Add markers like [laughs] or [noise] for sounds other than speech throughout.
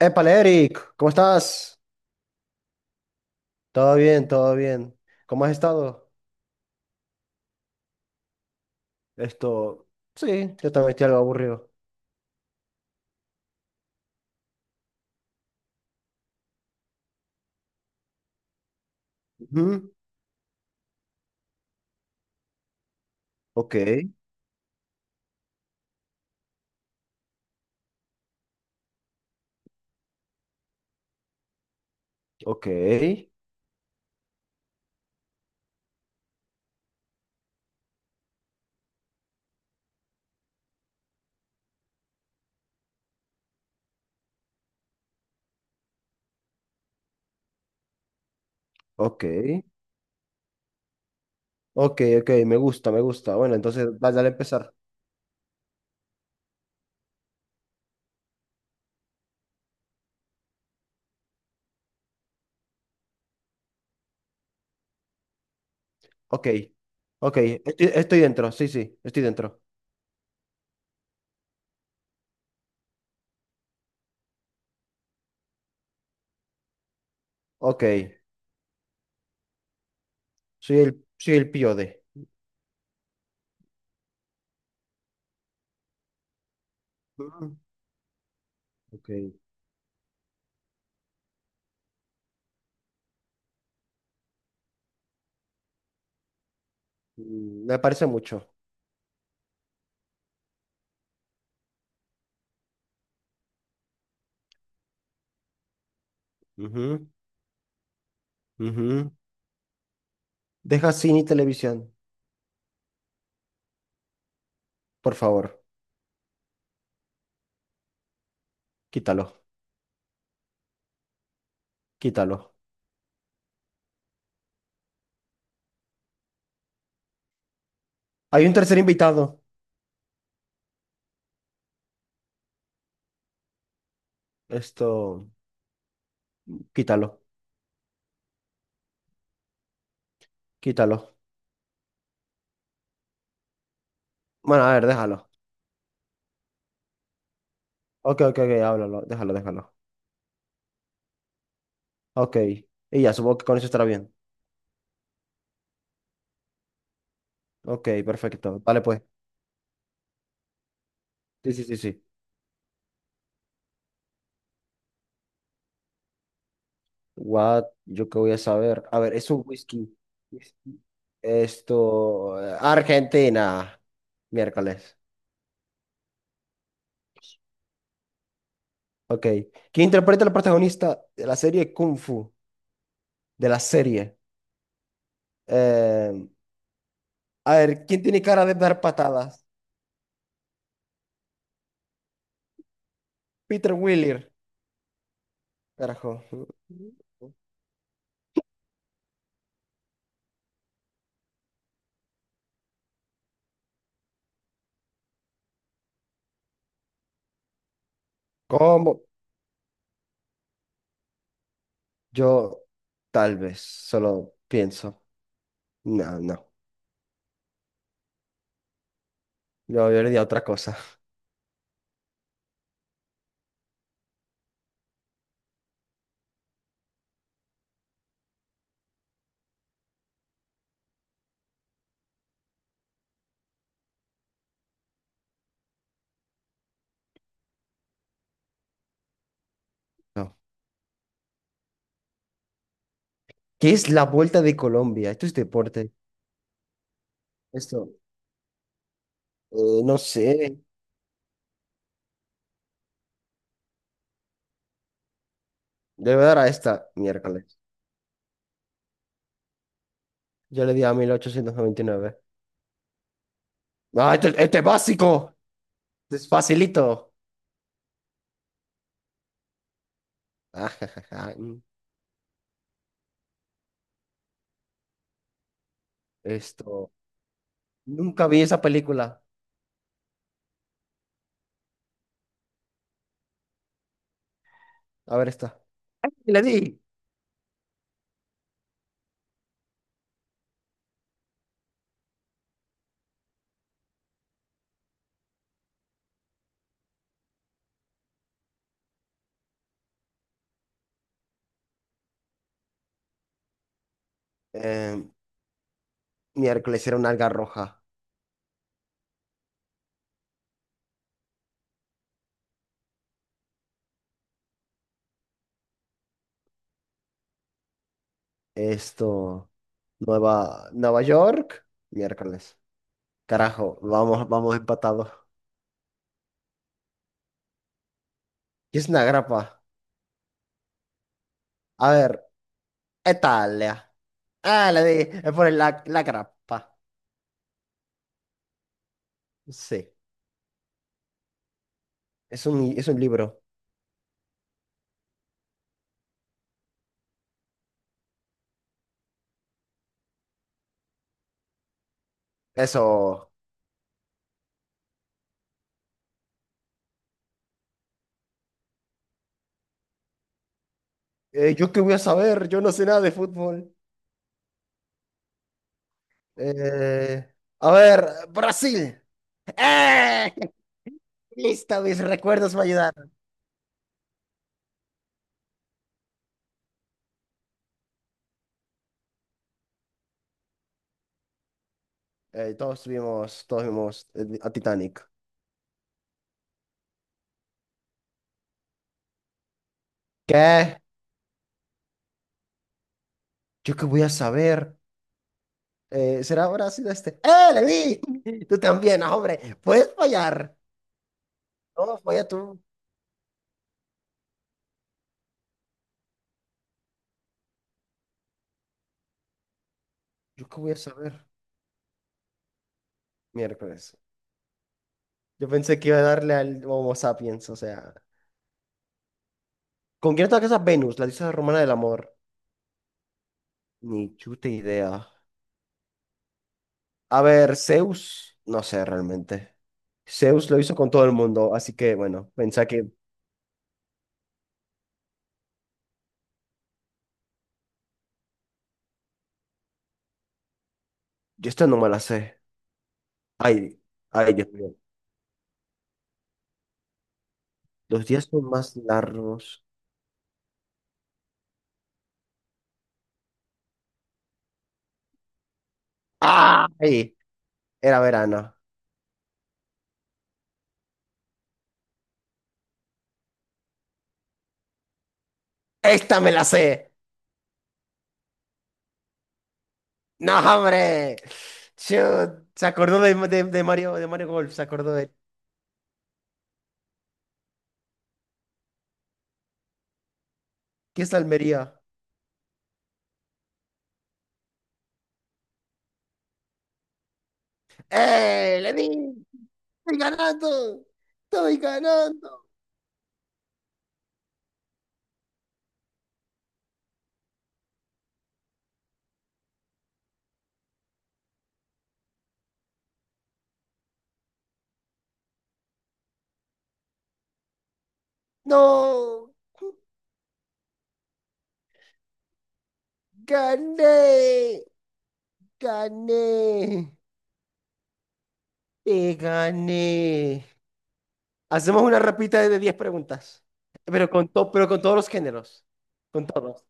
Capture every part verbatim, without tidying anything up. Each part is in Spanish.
Épale, Eric, ¿cómo estás? Todo bien, todo bien. ¿Cómo has estado? Esto, sí, yo también estoy algo aburrido. Ujú. Ok, ok, ok, ok, ok, me gusta, me gusta. Bueno, entonces, va- dale a empezar. Ok, ok, estoy, estoy dentro, sí, sí, estoy dentro. Ok, soy el, soy el pío de. Ujú. Ok, mm, me parece mucho. Ujú, ujú. Deja cine y televisión, por favor, quítalo, quítalo. Hay un tercer invitado. Esto, Quítalo, quítalo. Bueno, a ver, déjalo. Ok, ok, ok, háblalo, déjalo, déjalo. Ok. Y ya, supongo que con eso estará bien. Ok, perfecto. Vale, pues. Sí, sí, sí, sí. What, yo qué voy a saber. A ver, es un whisky. Whisky. Esto, eh, Argentina. Miércoles. Ok. ¿Quién interpreta al protagonista de la serie Kung Fu? De la serie. Eh, a ver, ¿quién tiene cara de dar patadas? Peter Wheeler. Carajo. ¿Cómo? Yo tal vez solo pienso, no, no, yo, yo le di a otra cosa. [laughs] No. ¿Qué es la Vuelta de Colombia? Esto es deporte. Esto, eh, no sé. Le voy a dar a esta miércoles. Yo le di a mil ochocientos noventa y nueve. Ah, este, este es básico. Este es facilito. [laughs] Ah, ja, ja, ja. Mm. Esto, Nunca vi esa película. A ver esta. Y le di. Eh, miércoles era una alga roja. Esto, Nueva, Nueva York, miércoles. Carajo, vamos, vamos empatados. ¿Qué es una grapa? A ver, Italia. Ah, le di, es por el la, la grapa. Sí, es un, es un libro. Eso. Eh, ¿yo qué voy a saber? Yo no sé nada de fútbol. Eh, a ver, Brasil. ¡Eh! [laughs] Listo, mis recuerdos me ayudaron. Eh, todos vimos, todos vimos eh, a Titanic. ¿Qué? ¿Yo qué voy a saber? Eh, ¿será Brasil este? ¡Eh, le di! [laughs] Tú también, ah, hombre. Puedes fallar. No, falla tú. ¿Yo qué voy a saber? Miércoles. Yo pensé que iba a darle al Homo sapiens, o sea. ¿Con quién está casada Venus, la diosa romana del amor? Ni chuta idea. A ver, Zeus, no sé realmente. Zeus lo hizo con todo el mundo, así que bueno, pensé que yo esta no me la sé. Ay, ay, Dios mío. Los días son más largos. ¡Ay! Era verano. ¡Esta me la sé! ¡No, hombre! Chut, se acordó de, de- de Mario, de Mario Golf, se acordó de... ¿Qué es Almería? ¡Eh! ¡Le di! ¡Estoy ganando! ¡Estoy ganando! ¡No! ¡Gané! ¡Gané! ¡Te gané! Hacemos una rapita de diez preguntas. Pero con, to- pero con todos los géneros. Con todos.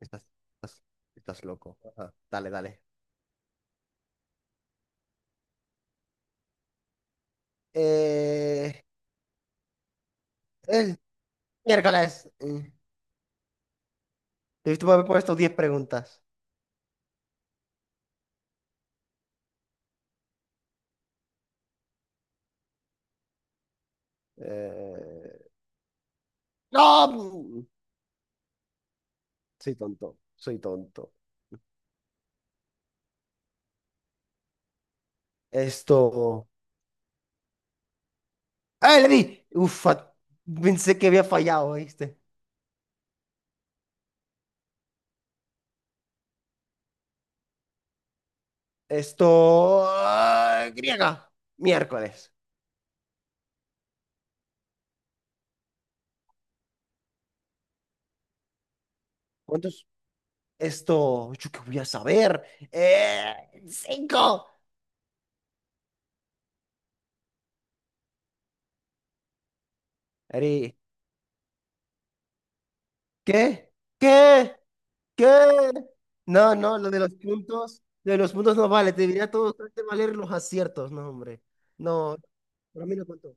Estás, estás, estás loco. Ajá. Dale, dale. Eh, el miércoles. Eh, Debiste haber puesto diez preguntas. Eh, no. Soy tonto. Soy tonto. Esto. ¡Ah, le di! Uf, fa- pensé que había fallado, ¿viste? Esto. Ah, griega. Miércoles. ¿Cuántos? Esto. ¿Yo qué voy a saber? Eh, Cinco. Ari, ¿qué? ¿Qué? ¿Qué? No, no, lo de los puntos. Lo de los puntos no vale. Te diría todo. Trate de valer los aciertos, no, hombre. No, para mí no cuento.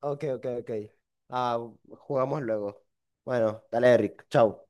Ok, ok, ok. Ah, jugamos luego. Bueno, dale, Eric. Chao.